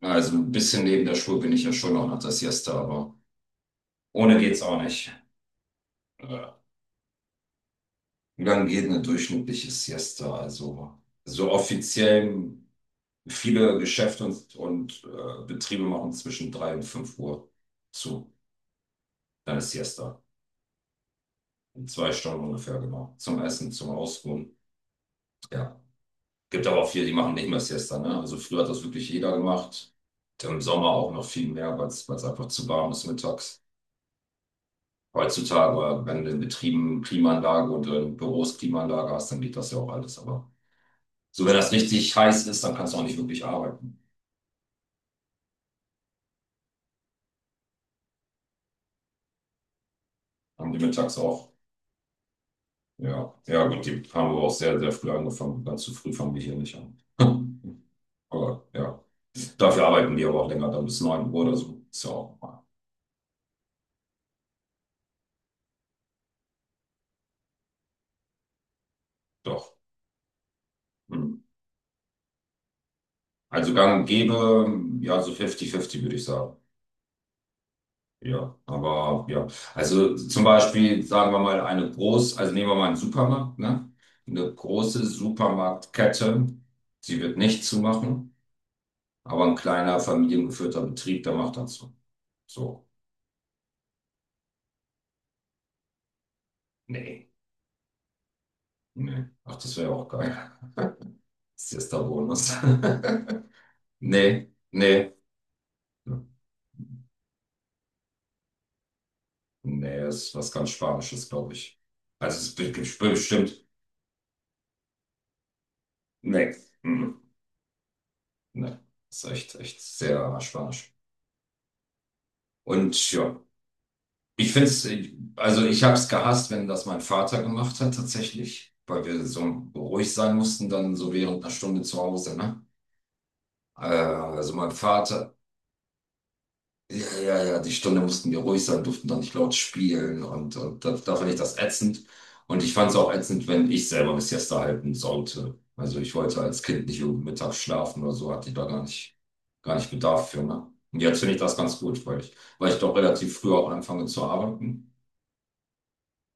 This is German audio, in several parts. Also ein bisschen neben der Spur bin ich ja schon auch nach der Siesta, aber ohne geht's auch nicht. Äh, Wie lange geht eine durchschnittliche Siesta? Also so offiziell viele Geschäfte und Betriebe machen zwischen 3 und 5 Uhr zu. Dann ist Siesta. In 2 Stunden ungefähr, genau. Zum Essen, zum Ausruhen. Ja. Gibt aber auch viele, die machen nicht mehr Siesta, ne? Also früher hat das wirklich jeder gemacht. Im Sommer auch noch viel mehr, weil es einfach zu warm ist mittags. Heutzutage, wenn du in Betrieben Klimaanlage und in Büros Klimaanlage hast, dann geht das ja auch alles. Aber so, wenn das richtig heiß ist, dann kannst du auch nicht wirklich arbeiten. Haben die mittags auch. Ja, ja, gut, die haben aber auch sehr, sehr früh angefangen. Ganz zu früh fangen wir hier nicht an. Aber ja, dafür arbeiten die aber auch länger, dann bis 9 Uhr oder so. Ist ja auch normal. Doch. Hm. Also gang und gäbe, ja, so 50-50 würde ich sagen. Ja, aber ja, also zum Beispiel sagen wir mal eine groß, also nehmen wir mal einen Supermarkt, ne? Eine große Supermarktkette, sie wird nicht zumachen, aber ein kleiner familiengeführter Betrieb, der macht das so. So, nee, nee. Ach, das wäre ja auch geil. Das ist jetzt der Bonus. Nee, nee, nee, ist was ganz Spanisches, glaube ich. Also es bestimmt, nee, mm, nee, ist echt, echt sehr spanisch. Und ja. Ich finde es, also ich habe es gehasst, wenn das mein Vater gemacht hat, tatsächlich, weil wir so ruhig sein mussten, dann so während einer Stunde zu Hause, ne? Also mein Vater, ja, ja, ja, die Stunde mussten wir ruhig sein, durften dann nicht laut spielen und da fand ich das ätzend. Und ich fand es auch ätzend, wenn ich selber eine Siesta halten sollte. Also ich wollte als Kind nicht irgendwie mittags schlafen oder so, hatte ich da gar nicht Bedarf für, ne? Und jetzt finde ich das ganz gut, weil ich doch relativ früh auch anfange zu arbeiten.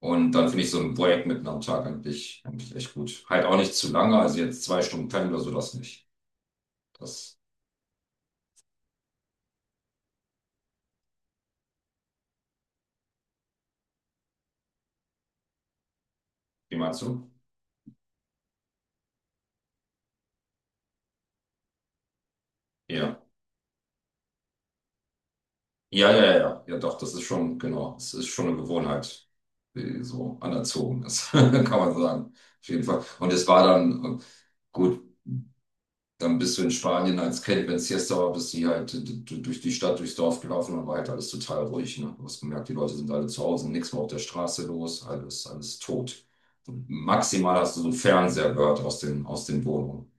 Und dann finde ich so ein Projekt mitten am Tag eigentlich echt gut. Halt auch nicht zu lange, also jetzt 2 Stunden pennen oder so, das nicht. Das, wie meinst du? Ja. Ja, ja, ja, ja, ja, doch, das ist schon, genau, es ist schon eine Gewohnheit, die so anerzogen ist, kann man sagen. Auf jeden Fall. Und es war dann, gut, dann bist du in Spanien als Kind, wenn es Siesta war, bist du halt durch die Stadt, durchs Dorf gelaufen und war halt alles total ruhig. Ne? Du hast gemerkt, die Leute sind alle zu Hause, nichts mehr auf der Straße los, alles, alles tot. Und maximal hast du so einen Fernseher gehört aus den Wohnungen.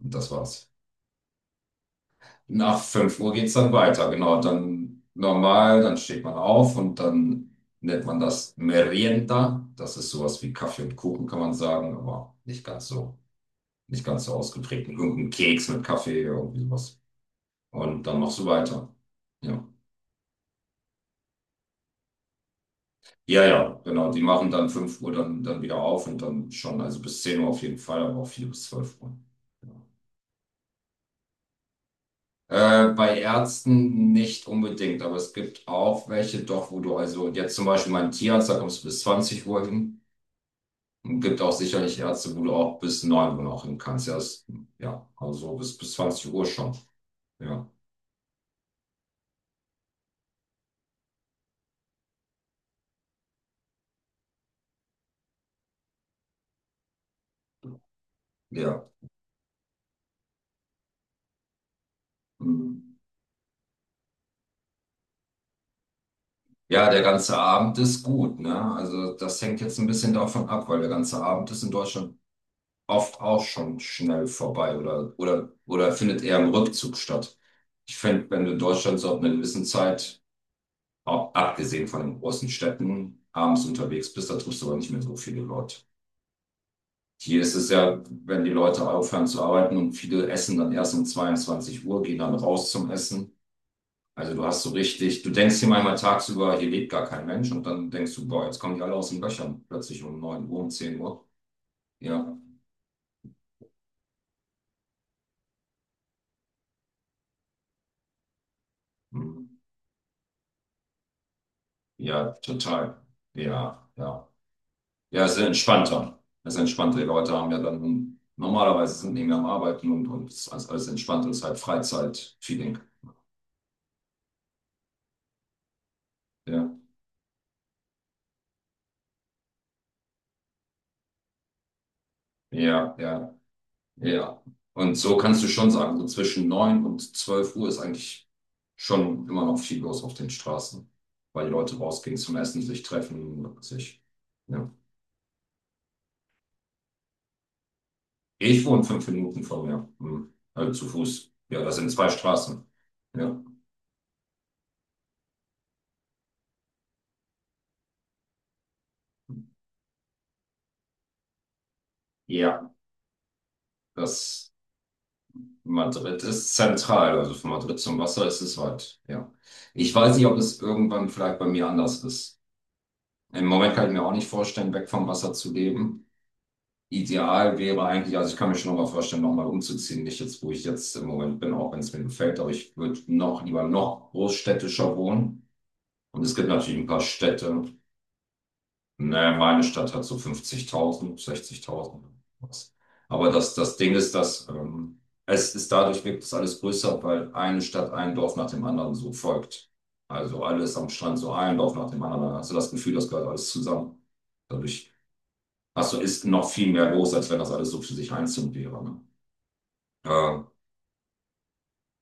Und das war's. Nach 5 Uhr geht's dann weiter, genau. Dann normal, dann steht man auf und dann nennt man das Merienda. Das ist sowas wie Kaffee und Kuchen, kann man sagen, aber nicht ganz so, nicht ganz so ausgeprägt. Irgendein Keks mit Kaffee, irgendwie sowas. Und dann machst du weiter. Ja. Ja, ja, genau. Die machen dann 5 Uhr dann wieder auf und dann schon, also bis 10 Uhr auf jeden Fall, aber auch 4 bis 12 Uhr. Ja. Bei Ärzten nicht unbedingt, aber es gibt auch welche doch, wo du also jetzt zum Beispiel meinen Tierarzt, da kommst du bis 20 Uhr hin. Und gibt auch sicherlich Ärzte, wo du auch bis 9 Uhr noch hin kannst. Ja, das, ja, bis 20 Uhr schon. Ja, ja. Mhm. Ja, der ganze Abend ist gut, ne? Also das hängt jetzt ein bisschen davon ab, weil der ganze Abend ist in Deutschland oft auch schon schnell vorbei oder findet eher im Rückzug statt. Ich finde, wenn du in Deutschland so ab einer gewissen Zeit, auch abgesehen von den großen Städten, abends unterwegs bist, da triffst du aber nicht mehr so viele Leute. Hier ist es ja, wenn die Leute aufhören zu arbeiten und viele essen dann erst um 22 Uhr, gehen dann raus zum Essen. Also du hast so richtig, du denkst hier manchmal tagsüber, hier lebt gar kein Mensch und dann denkst du, boah, jetzt kommen die alle aus den Löchern, plötzlich um 9 Uhr, um 10 Uhr. Ja, hm. Ja, total. Ja, ja. Ja, es ist entspannter. Es ist entspannter. Die Leute haben ja dann, normalerweise sind die am Arbeiten und es ist alles alles entspannt und es ist halt feeling. Ja, ja, ja. Ja. Und so kannst du schon sagen, so zwischen 9 und 12 Uhr ist eigentlich schon immer noch viel los auf den Straßen, weil die Leute rausgehen zum Essen, sich treffen, sich. Ja. Ich wohne 5 Minuten von mir, hm. Also zu Fuß. Ja, das sind 2 Straßen. Ja. Ja, das Madrid ist zentral, also von Madrid zum Wasser ist es weit. Ja. Ich weiß nicht, ob es irgendwann vielleicht bei mir anders ist. Im Moment kann ich mir auch nicht vorstellen, weg vom Wasser zu leben. Ideal wäre eigentlich, also ich kann mir schon nochmal vorstellen, nochmal umzuziehen, nicht jetzt, wo ich jetzt im Moment bin, auch wenn es mir gefällt, aber ich würde noch lieber noch großstädtischer wohnen. Und es gibt natürlich ein paar Städte. Ne, meine Stadt hat so 50.000, 60.000. Was. Aber das Ding ist, dass es ist dadurch wirkt es alles größer, weil eine Stadt ein Dorf nach dem anderen so folgt. Also alles am Strand, so ein Dorf nach dem anderen. Dann hast du das Gefühl, das gehört alles zusammen. Dadurch also ist noch viel mehr los, als wenn das alles so für sich einzeln wäre. Ne? Äh,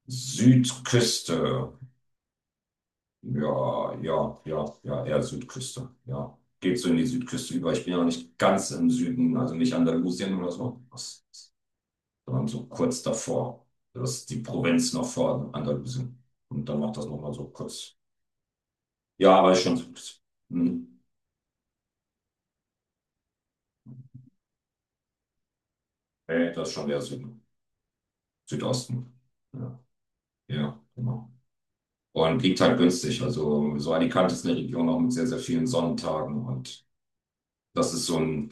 Südküste. Ja, ja, ja, ja, eher Südküste. Ja. Geht so in die Südküste über. Ich bin ja nicht ganz im Süden, also nicht Andalusien oder so, das sondern so kurz davor. Das ist die Provinz noch vor Andalusien. Und dann macht das nochmal so kurz. Ja, aber ist schon Südküste. Hm. Nee, das ist schon eher Süden. Südosten. Ja, ja, genau. Und liegt halt günstig. Also so Alicante ist eine Region auch mit sehr, sehr vielen Sonnentagen. Und das ist so eine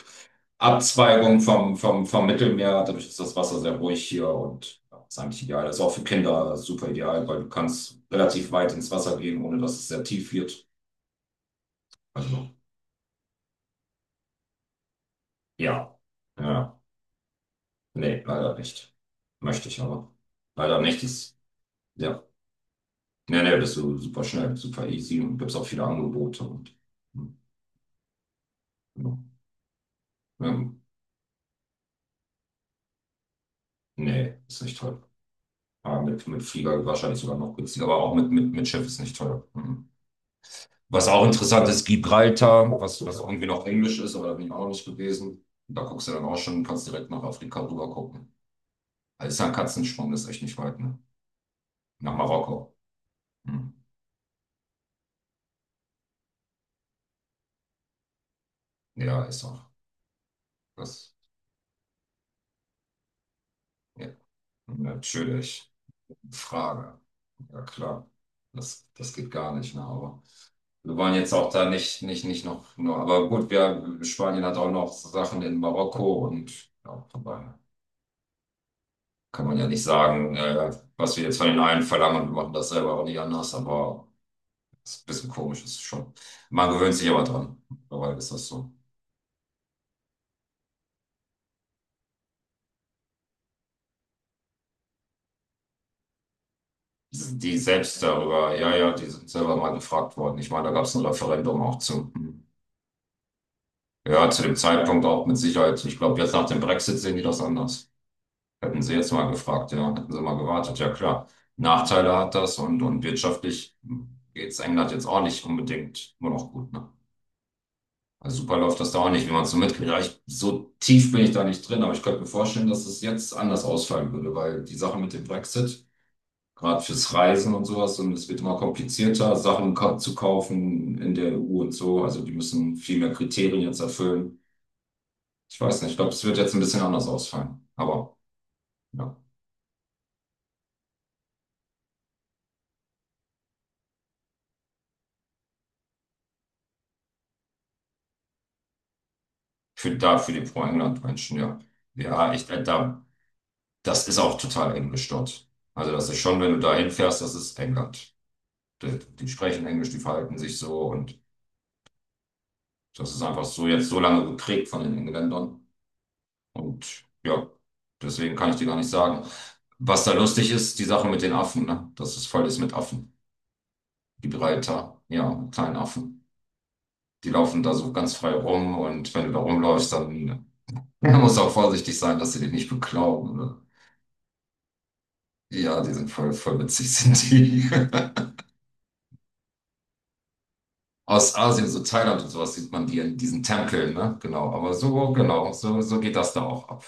Abzweigung vom Mittelmeer. Dadurch ist das Wasser sehr ruhig hier und ja, ist eigentlich ideal. Ist auch für Kinder super ideal, weil du kannst relativ weit ins Wasser gehen, ohne dass es sehr tief wird. Also ja, ja, nee, leider nicht. Möchte ich aber. Leider nicht. Ist, ja, nee, nee, bist du super schnell, super easy und gibt es auch viele Angebote. Und, hm, genau. Ja, nee, ist nicht toll. Ja, mit Flieger wahrscheinlich sogar noch günstiger, aber auch mit Schiff ist nicht teuer. Mhm. Was auch interessant ist, Gibraltar, was irgendwie noch Englisch ist, aber da bin ich auch noch nicht gewesen. Da guckst du dann auch schon, kannst direkt nach Afrika rüber gucken. Also ist ja ein Katzensprung, ist echt nicht weit, ne? Nach Marokko. Mhm. Ja, ist auch. Das, ja, natürlich. Frage. Ja, klar. Das, das geht gar nicht, ne? Aber wir wollen jetzt auch da nicht, nicht, nicht noch, nur, aber gut, wir, Spanien hat auch noch Sachen in Marokko und ja, vorbei. Kann man ja nicht sagen, was wir jetzt von den einen verlangen und wir machen das selber auch nicht anders, aber es ist ein bisschen komisch, ist es schon. Man gewöhnt sich aber dran. Mittlerweile ist das so. Die die selbst darüber, ja, ja, die sind selber mal gefragt worden. Ich meine, da gab es ein Referendum auch zu. Ja, zu dem Zeitpunkt auch mit Sicherheit. Ich glaube, jetzt nach dem Brexit sehen die das anders. Hätten sie jetzt mal gefragt, ja, hätten sie mal gewartet, ja klar. Nachteile hat das und wirtschaftlich geht's England jetzt auch nicht unbedingt immer noch gut, ne? Also super läuft das da auch nicht, wie man es so mitkriegt. Ja, ich, so tief bin ich da nicht drin, aber ich könnte mir vorstellen, dass es jetzt anders ausfallen würde, weil die Sache mit dem Brexit, gerade fürs Reisen und sowas, und es wird immer komplizierter, Sachen ka zu kaufen in der EU und so. Also die müssen viel mehr Kriterien jetzt erfüllen. Ich weiß nicht, ich glaube, es wird jetzt ein bisschen anders ausfallen. Aber ja, da für die Pro-England-Menschen, ja. Ja, ich, da, das ist auch total englisch dort. Also das ist schon, wenn du da hinfährst, das ist England. Die sprechen Englisch, die verhalten sich so und das ist einfach so jetzt so lange geprägt von den Engländern. Und ja, deswegen kann ich dir gar nicht sagen. Was da lustig ist, die Sache mit den Affen, ne? Dass es voll ist mit Affen. Die Breiter, ja, mit kleinen Affen. Die laufen da so ganz frei rum und wenn du da rumläufst, dann, dann musst du auch vorsichtig sein, dass sie dich nicht beklauen, oder? Ja, die sind voll, voll witzig, sind die. Aus Asien, so Thailand und sowas, sieht man die in diesen Tempeln, ne? Genau. Aber so, genau, so, so geht das da auch ab.